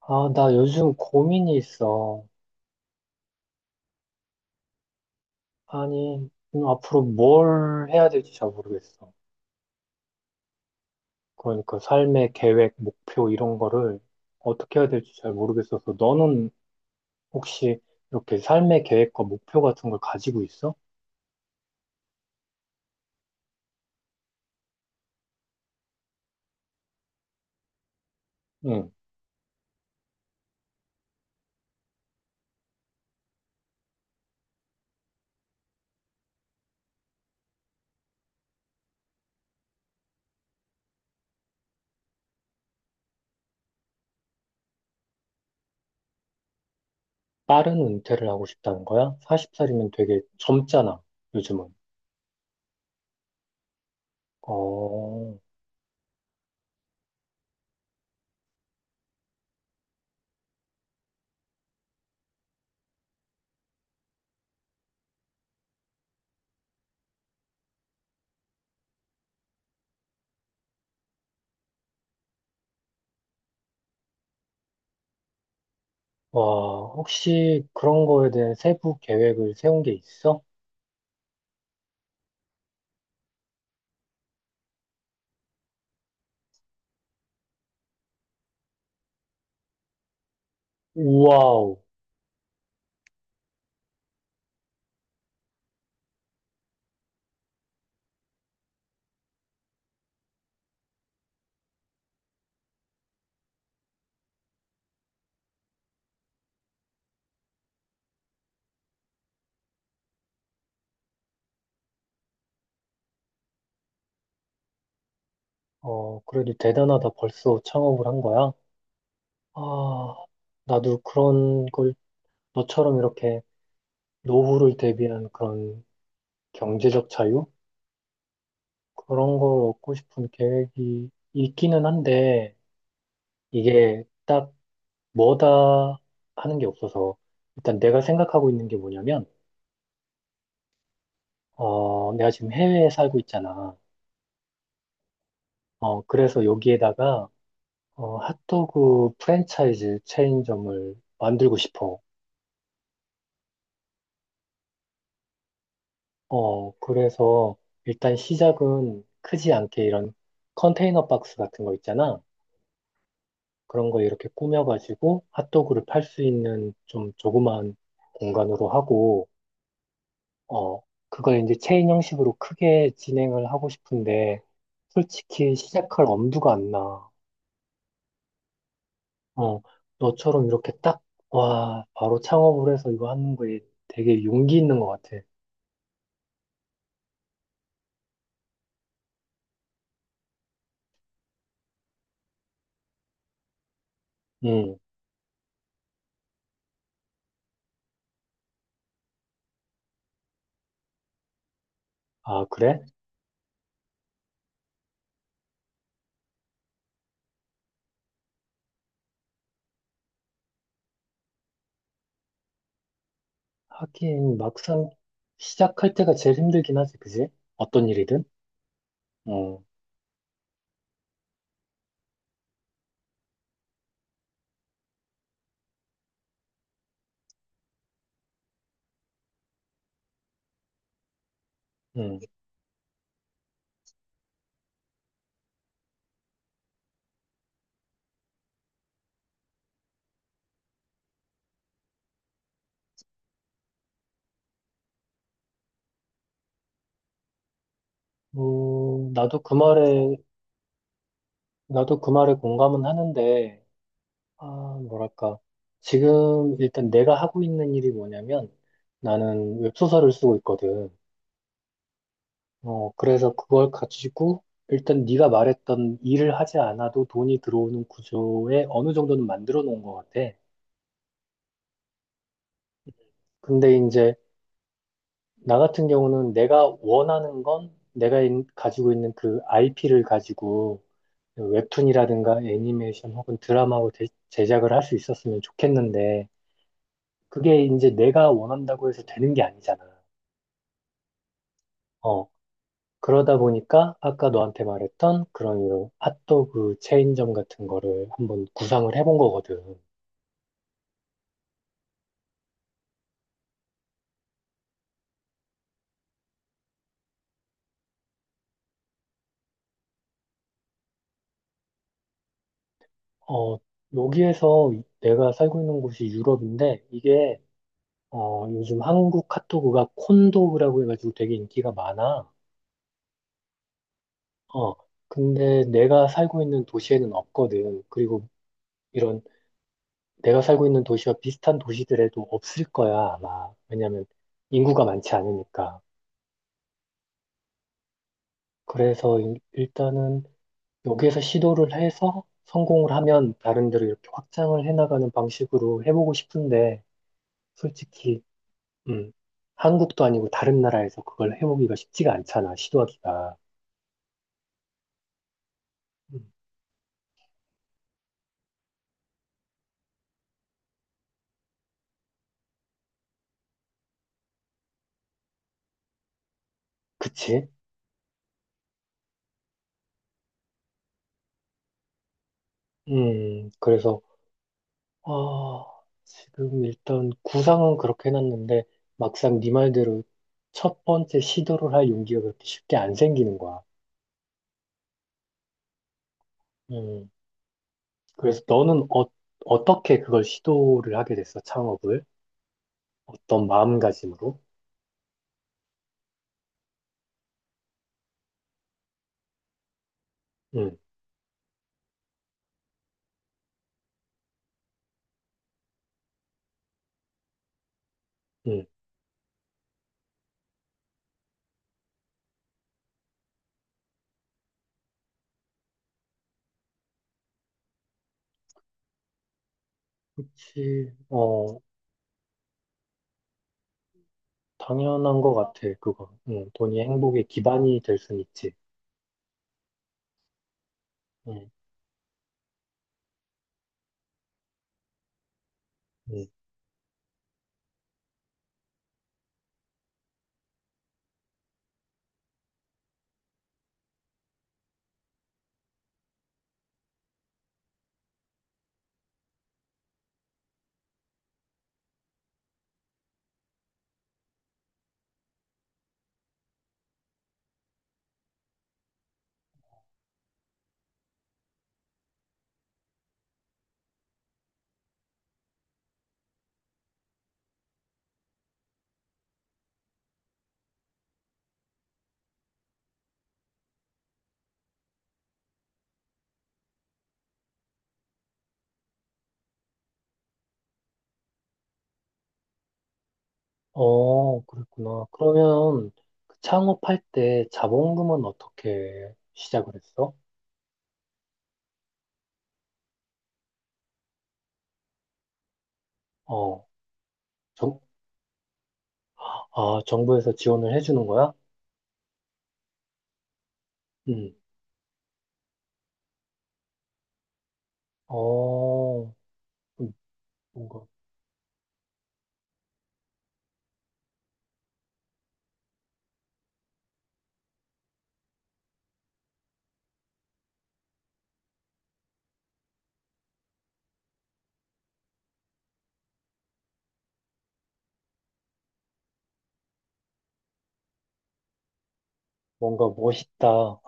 아, 나 요즘 고민이 있어. 아니, 앞으로 뭘 해야 될지 잘 모르겠어. 그러니까 삶의 계획, 목표 이런 거를 어떻게 해야 될지 잘 모르겠어서 너는 혹시 이렇게 삶의 계획과 목표 같은 걸 가지고 있어? 응. 빠른 은퇴를 하고 싶다는 거야? 40살이면 되게 젊잖아, 요즘은. 어, 와, 혹시 그런 거에 대한 세부 계획을 세운 게 있어? 우와우. 어, 그래도 대단하다. 벌써 창업을 한 거야? 아, 나도 그런 걸 너처럼 이렇게 노후를 대비한 그런 경제적 자유? 그런 걸 얻고 싶은 계획이 있기는 한데, 이게 딱 뭐다 하는 게 없어서, 일단 내가 생각하고 있는 게 뭐냐면, 어, 내가 지금 해외에 살고 있잖아. 어, 그래서 여기에다가, 어, 핫도그 프랜차이즈 체인점을 만들고 싶어. 어, 그래서 일단 시작은 크지 않게 이런 컨테이너 박스 같은 거 있잖아. 그런 거 이렇게 꾸며가지고 핫도그를 팔 수 있는 좀 조그마한 공간으로 하고, 어, 그걸 이제 체인 형식으로 크게 진행을 하고 싶은데, 솔직히 시작할 엄두가 안 나. 어, 너처럼 이렇게 딱, 와, 바로 창업을 해서 이거 하는 거에 되게 용기 있는 것 같아. 응. 아, 그래? 하긴 막상 시작할 때가 제일 힘들긴 하지, 그지? 어떤 일이든. 어, 음. 나도 그 말에, 나도 그 말에 공감은 하는데, 아, 뭐랄까. 지금 일단 내가 하고 있는 일이 뭐냐면 나는 웹소설을 쓰고 있거든. 어, 그래서 그걸 가지고 일단 네가 말했던 일을 하지 않아도 돈이 들어오는 구조에 어느 정도는 만들어 놓은 것 같아. 근데 이제 나 같은 경우는 내가 원하는 건 내가 가지고 있는 그 IP를 가지고 웹툰이라든가 애니메이션 혹은 드라마로 제작을 할 수 있었으면 좋겠는데 그게 이제 내가 원한다고 해서 되는 게 아니잖아. 어, 그러다 보니까 아까 너한테 말했던 그런 이런 핫도그 체인점 같은 거를 한번 구상을 해본 거거든. 어, 여기에서 내가 살고 있는 곳이 유럽인데 이게 어, 요즘 한국 핫도그가 콘도그라고 해가지고 되게 인기가 많아. 어, 근데 내가 살고 있는 도시에는 없거든. 그리고 이런 내가 살고 있는 도시와 비슷한 도시들에도 없을 거야, 아마. 왜냐면 인구가 많지 않으니까. 그래서 일단은 여기에서 시도를 해서 성공을 하면 다른 데로 이렇게 확장을 해나가는 방식으로 해보고 싶은데, 솔직히, 음, 한국도 아니고 다른 나라에서 그걸 해보기가 쉽지가 않잖아, 시도하기가. 음, 그치? 그래서 아, 지금 일단 구상은 그렇게 해놨는데 막상 네 말대로 첫 번째 시도를 할 용기가 그렇게 쉽게 안 생기는 거야. 음, 그래서 너는 어, 어떻게 그걸 시도를 하게 됐어? 창업을? 어떤 마음가짐으로? 음, 음, 그치. 어, 당연한 것 같아, 그거. 돈이 행복의 기반이 될 순 있지. 음, 음. 어, 그랬구나. 그러면 그 창업할 때 자본금은 어떻게 시작을 했어? 어. 정, 아, 정부에서 지원을 해주는 거야? 응. 어, 음, 뭔가, 뭔가 멋있다.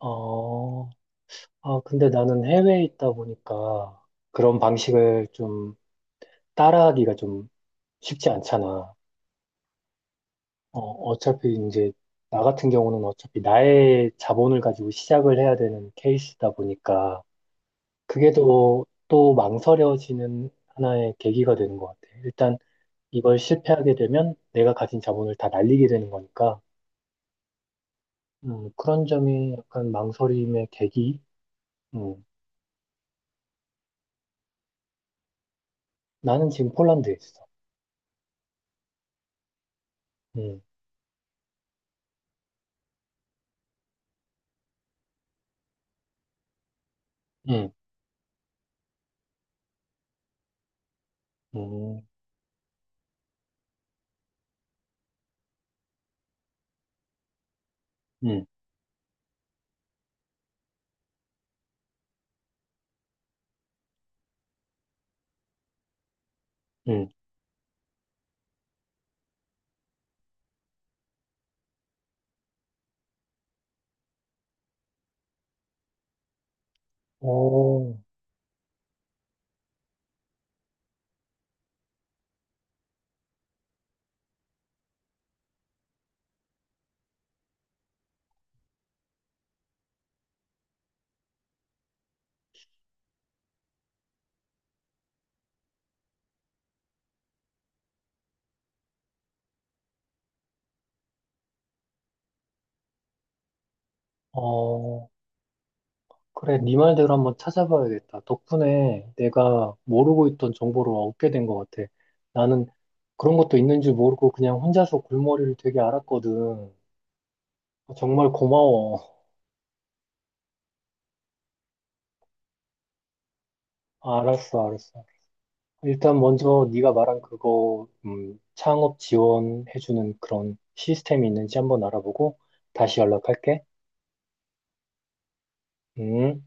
어, 아, 근데 나는 해외에 있다 보니까 그런 방식을 좀 따라하기가 좀 쉽지 않잖아. 어, 어차피 이제, 나 같은 경우는 어차피 나의 자본을 가지고 시작을 해야 되는 케이스다 보니까 그게 또, 또 망설여지는 하나의 계기가 되는 것 같아. 일단 이걸 실패하게 되면 내가 가진 자본을 다 날리게 되는 거니까. 그런 점이 약간 망설임의 계기? 음, 나는 지금 폴란드에 있어. 음, 음, 음, 음, 음. 오, 어, 그래, 네 말대로 한번 찾아봐야겠다. 덕분에 내가 모르고 있던 정보를 얻게 된 것 같아. 나는 그런 것도 있는 줄 모르고 그냥 혼자서 골머리를 되게 앓았거든. 정말 고마워. 알았어, 알았어. 일단 먼저 네가 말한 그거 창업 지원해주는 그런 시스템이 있는지 한번 알아보고 다시 연락할게. 음.